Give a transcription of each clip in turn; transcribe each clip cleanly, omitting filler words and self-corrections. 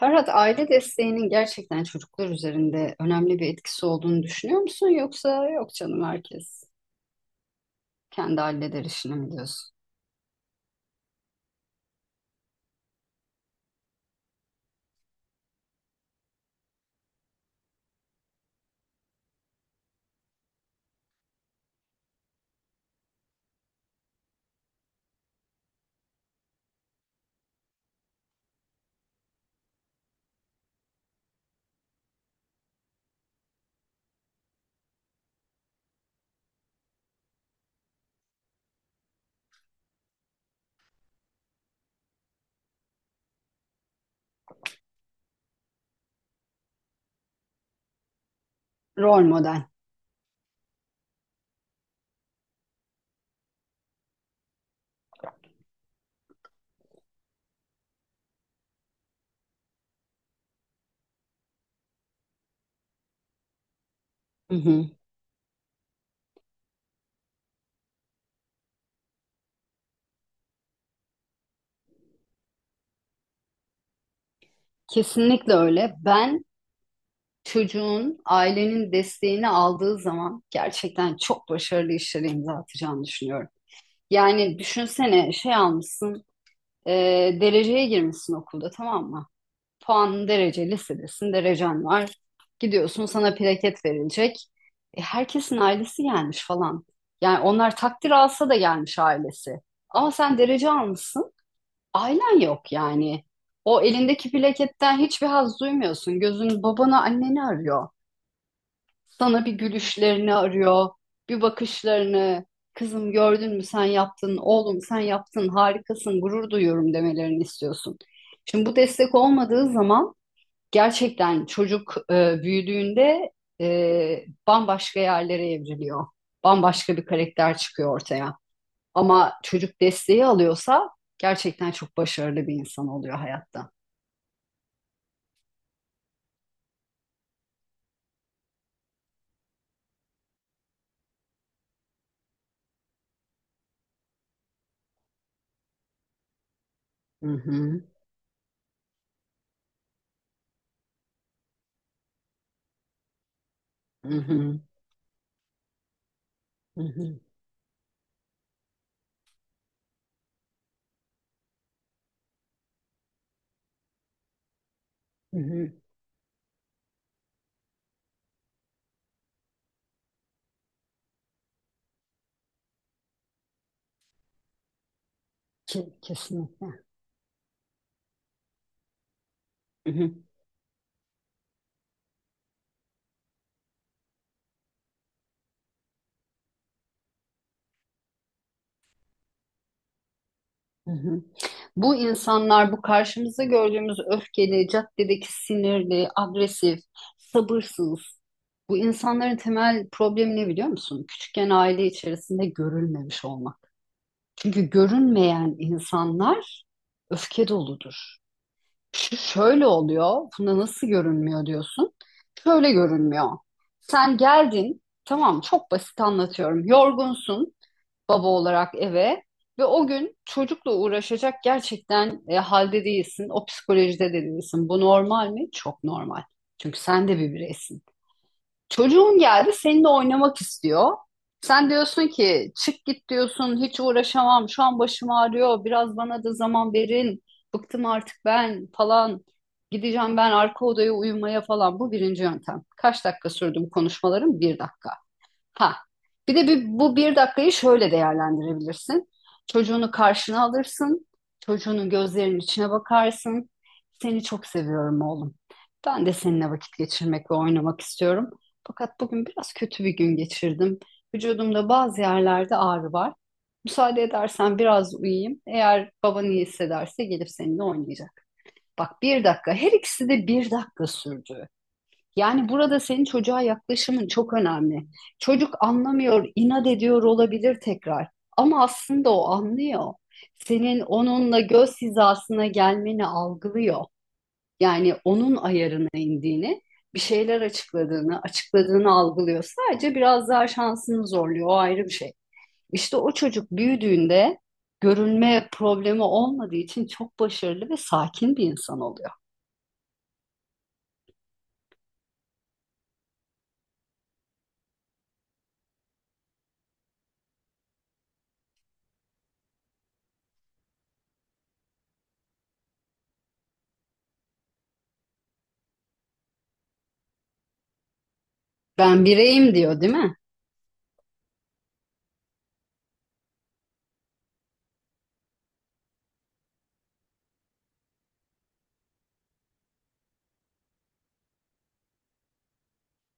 Ferhat, aile desteğinin gerçekten çocuklar üzerinde önemli bir etkisi olduğunu düşünüyor musun? Yoksa yok canım herkes kendi halleder işini mi diyorsun? Rol model. Hı hı. Kesinlikle öyle. Ben çocuğun ailenin desteğini aldığı zaman gerçekten çok başarılı işlere imza atacağını düşünüyorum. Yani düşünsene şey almışsın, e, dereceye girmişsin okulda, tamam mı? Puan derece listedesin, derecen var. Gidiyorsun, sana plaket verilecek. Herkesin ailesi gelmiş falan. Yani onlar takdir alsa da gelmiş ailesi. Ama sen derece almışsın, ailen yok yani. O elindeki plaketten hiçbir haz duymuyorsun. Gözün babana, anneni arıyor. Sana bir gülüşlerini arıyor, bir bakışlarını. Kızım gördün mü, sen yaptın, oğlum sen yaptın, harikasın, gurur duyuyorum demelerini istiyorsun. Şimdi bu destek olmadığı zaman gerçekten çocuk, büyüdüğünde bambaşka yerlere evriliyor. Bambaşka bir karakter çıkıyor ortaya. Ama çocuk desteği alıyorsa gerçekten çok başarılı bir insan oluyor hayatta. Hı hı, hı hı, hı hı, hı hı. Kesinlikle. Hı hı. Hı hı. Bu insanlar, bu karşımızda gördüğümüz öfkeli, caddedeki sinirli, agresif, sabırsız. Bu insanların temel problemi ne biliyor musun? Küçükken aile içerisinde görülmemiş olmak. Çünkü görünmeyen insanlar öfke doludur. Şu şöyle oluyor, buna nasıl görünmüyor diyorsun. Şöyle görünmüyor. Sen geldin, tamam, çok basit anlatıyorum. Yorgunsun, baba olarak eve ve o gün çocukla uğraşacak gerçekten halde değilsin, o psikolojide de değilsin. Bu normal mi? Çok normal. Çünkü sen de bir bireysin. Çocuğun geldi seninle oynamak istiyor. Sen diyorsun ki çık git diyorsun, hiç uğraşamam şu an, başım ağrıyor, biraz bana da zaman verin, bıktım artık ben falan, gideceğim ben arka odaya uyumaya falan. Bu birinci yöntem. Kaç dakika sürdü bu konuşmalarım? Bir dakika. Ha. Bir de bu bir dakikayı şöyle değerlendirebilirsin. Çocuğunu karşına alırsın. Çocuğunun gözlerinin içine bakarsın. Seni çok seviyorum oğlum. Ben de seninle vakit geçirmek ve oynamak istiyorum. Fakat bugün biraz kötü bir gün geçirdim. Vücudumda bazı yerlerde ağrı var. Müsaade edersen biraz uyuyayım. Eğer baban iyi hissederse gelip seninle oynayacak. Bak, bir dakika. Her ikisi de bir dakika sürdü. Yani burada senin çocuğa yaklaşımın çok önemli. Çocuk anlamıyor, inat ediyor olabilir tekrar. Ama aslında o anlıyor. Senin onunla göz hizasına gelmeni algılıyor. Yani onun ayarına indiğini, bir şeyler açıkladığını algılıyor. Sadece biraz daha şansını zorluyor, o ayrı bir şey. İşte o çocuk büyüdüğünde görünme problemi olmadığı için çok başarılı ve sakin bir insan oluyor. Ben bireyim diyor, değil mi?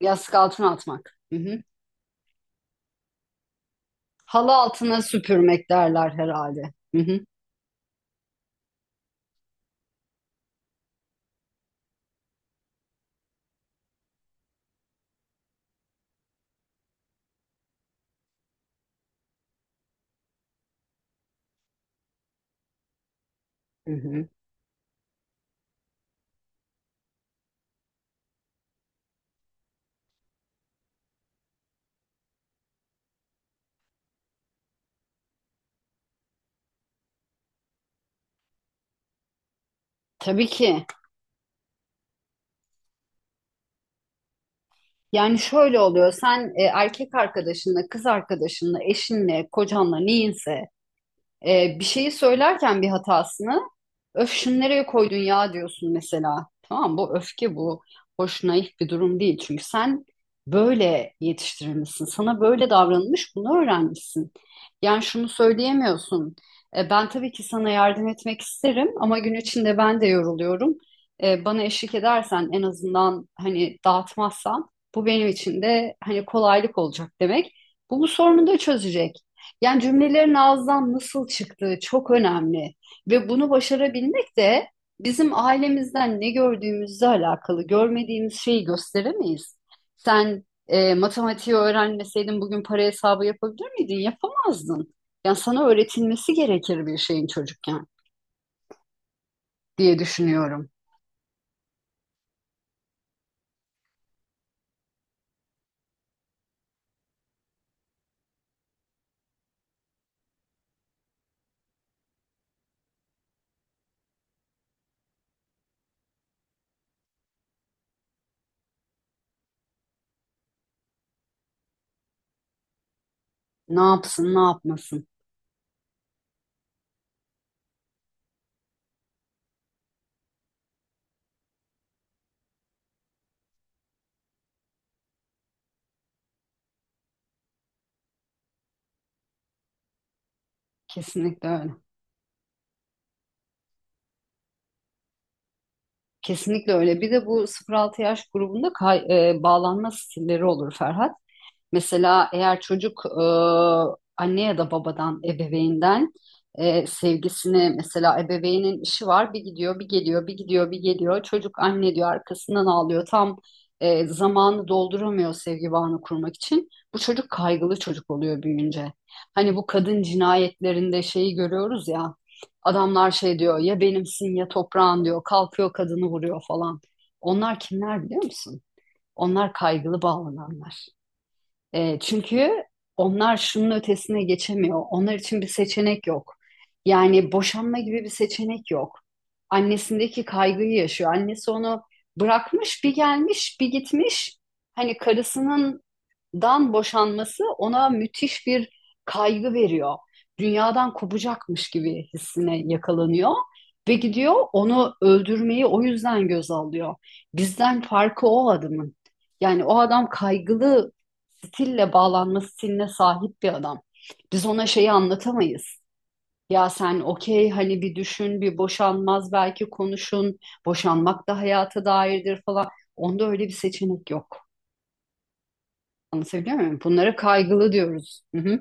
Yastık altına atmak. Hı hı. Halı altına süpürmek derler herhalde. Hı hı, hı hı. Tabii ki. Yani şöyle oluyor. Sen erkek arkadaşınla, kız arkadaşınla, eşinle, kocanla neyinse, bir şeyi söylerken bir hatasını, öf şunu nereye koydun ya diyorsun mesela. Tamam, bu öfke bu. Hoş naif bir durum değil. Çünkü sen böyle yetiştirilmişsin. Sana böyle davranılmış, bunu öğrenmişsin. Yani şunu söyleyemiyorsun. Ben tabii ki sana yardım etmek isterim ama gün içinde ben de yoruluyorum. Bana eşlik edersen en azından, hani dağıtmazsan bu benim için de hani kolaylık olacak demek. Bu sorunu da çözecek. Yani cümlelerin ağızdan nasıl çıktığı çok önemli. Ve bunu başarabilmek de bizim ailemizden ne gördüğümüzle alakalı. Görmediğimiz şeyi gösteremeyiz. Sen matematiği öğrenmeseydin bugün para hesabı yapabilir miydin? Yapamazdın. Yani sana öğretilmesi gerekir bir şeyin çocukken diye düşünüyorum. Ne yapsın, ne yapmasın? Kesinlikle öyle. Kesinlikle öyle. Bir de bu 0-6 yaş grubunda bağlanma stilleri olur Ferhat. Mesela eğer çocuk, anne ya da babadan, ebeveyinden sevgisini, mesela ebeveynin işi var, bir gidiyor bir geliyor bir gidiyor bir geliyor, çocuk anne diyor arkasından ağlıyor, tam zamanı dolduramıyor sevgi bağını kurmak için, bu çocuk kaygılı çocuk oluyor büyüyünce. Hani bu kadın cinayetlerinde şeyi görüyoruz ya, adamlar şey diyor ya, benimsin ya, toprağın diyor, kalkıyor kadını vuruyor falan. Onlar kimler biliyor musun? Onlar kaygılı bağlananlar. Çünkü onlar şunun ötesine geçemiyor. Onlar için bir seçenek yok. Yani boşanma gibi bir seçenek yok. Annesindeki kaygıyı yaşıyor. Annesi onu bırakmış, bir gelmiş, bir gitmiş. Hani karısının dan boşanması ona müthiş bir kaygı veriyor. Dünyadan kopacakmış gibi hissine yakalanıyor ve gidiyor onu öldürmeyi o yüzden göz alıyor. Bizden farkı o adamın. Yani o adam kaygılı stille bağlanma stiline sahip bir adam. Biz ona şeyi anlatamayız. Ya sen okey, hani bir düşün, bir boşanmaz, belki konuşun. Boşanmak da hayata dairdir falan. Onda öyle bir seçenek yok. Anlatabiliyor muyum? Bunlara kaygılı diyoruz. Hı hı,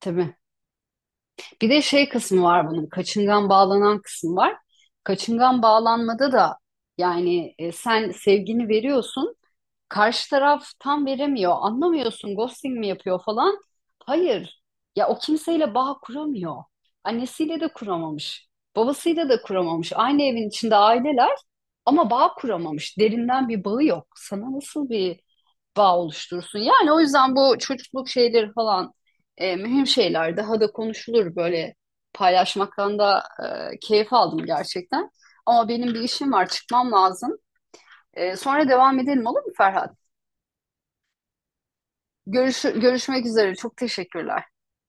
tabii. Bir de şey kısmı var bunun. Kaçıngan bağlanan kısmı var. Kaçıngan bağlanmada da yani, sen sevgini veriyorsun, karşı taraf tam veremiyor. Anlamıyorsun, ghosting mi yapıyor falan. Hayır. Ya o kimseyle bağ kuramıyor. Annesiyle de kuramamış. Babasıyla da kuramamış. Aynı evin içinde aileler ama bağ kuramamış. Derinden bir bağı yok. Sana nasıl bir bağ oluşturursun? Yani o yüzden bu çocukluk şeyleri falan mühim şeyler. Daha da konuşulur böyle, paylaşmaktan da keyif aldım gerçekten. Ama benim bir işim var, çıkmam lazım. Sonra devam edelim olur mu Ferhat? Görüşmek üzere. Çok teşekkürler.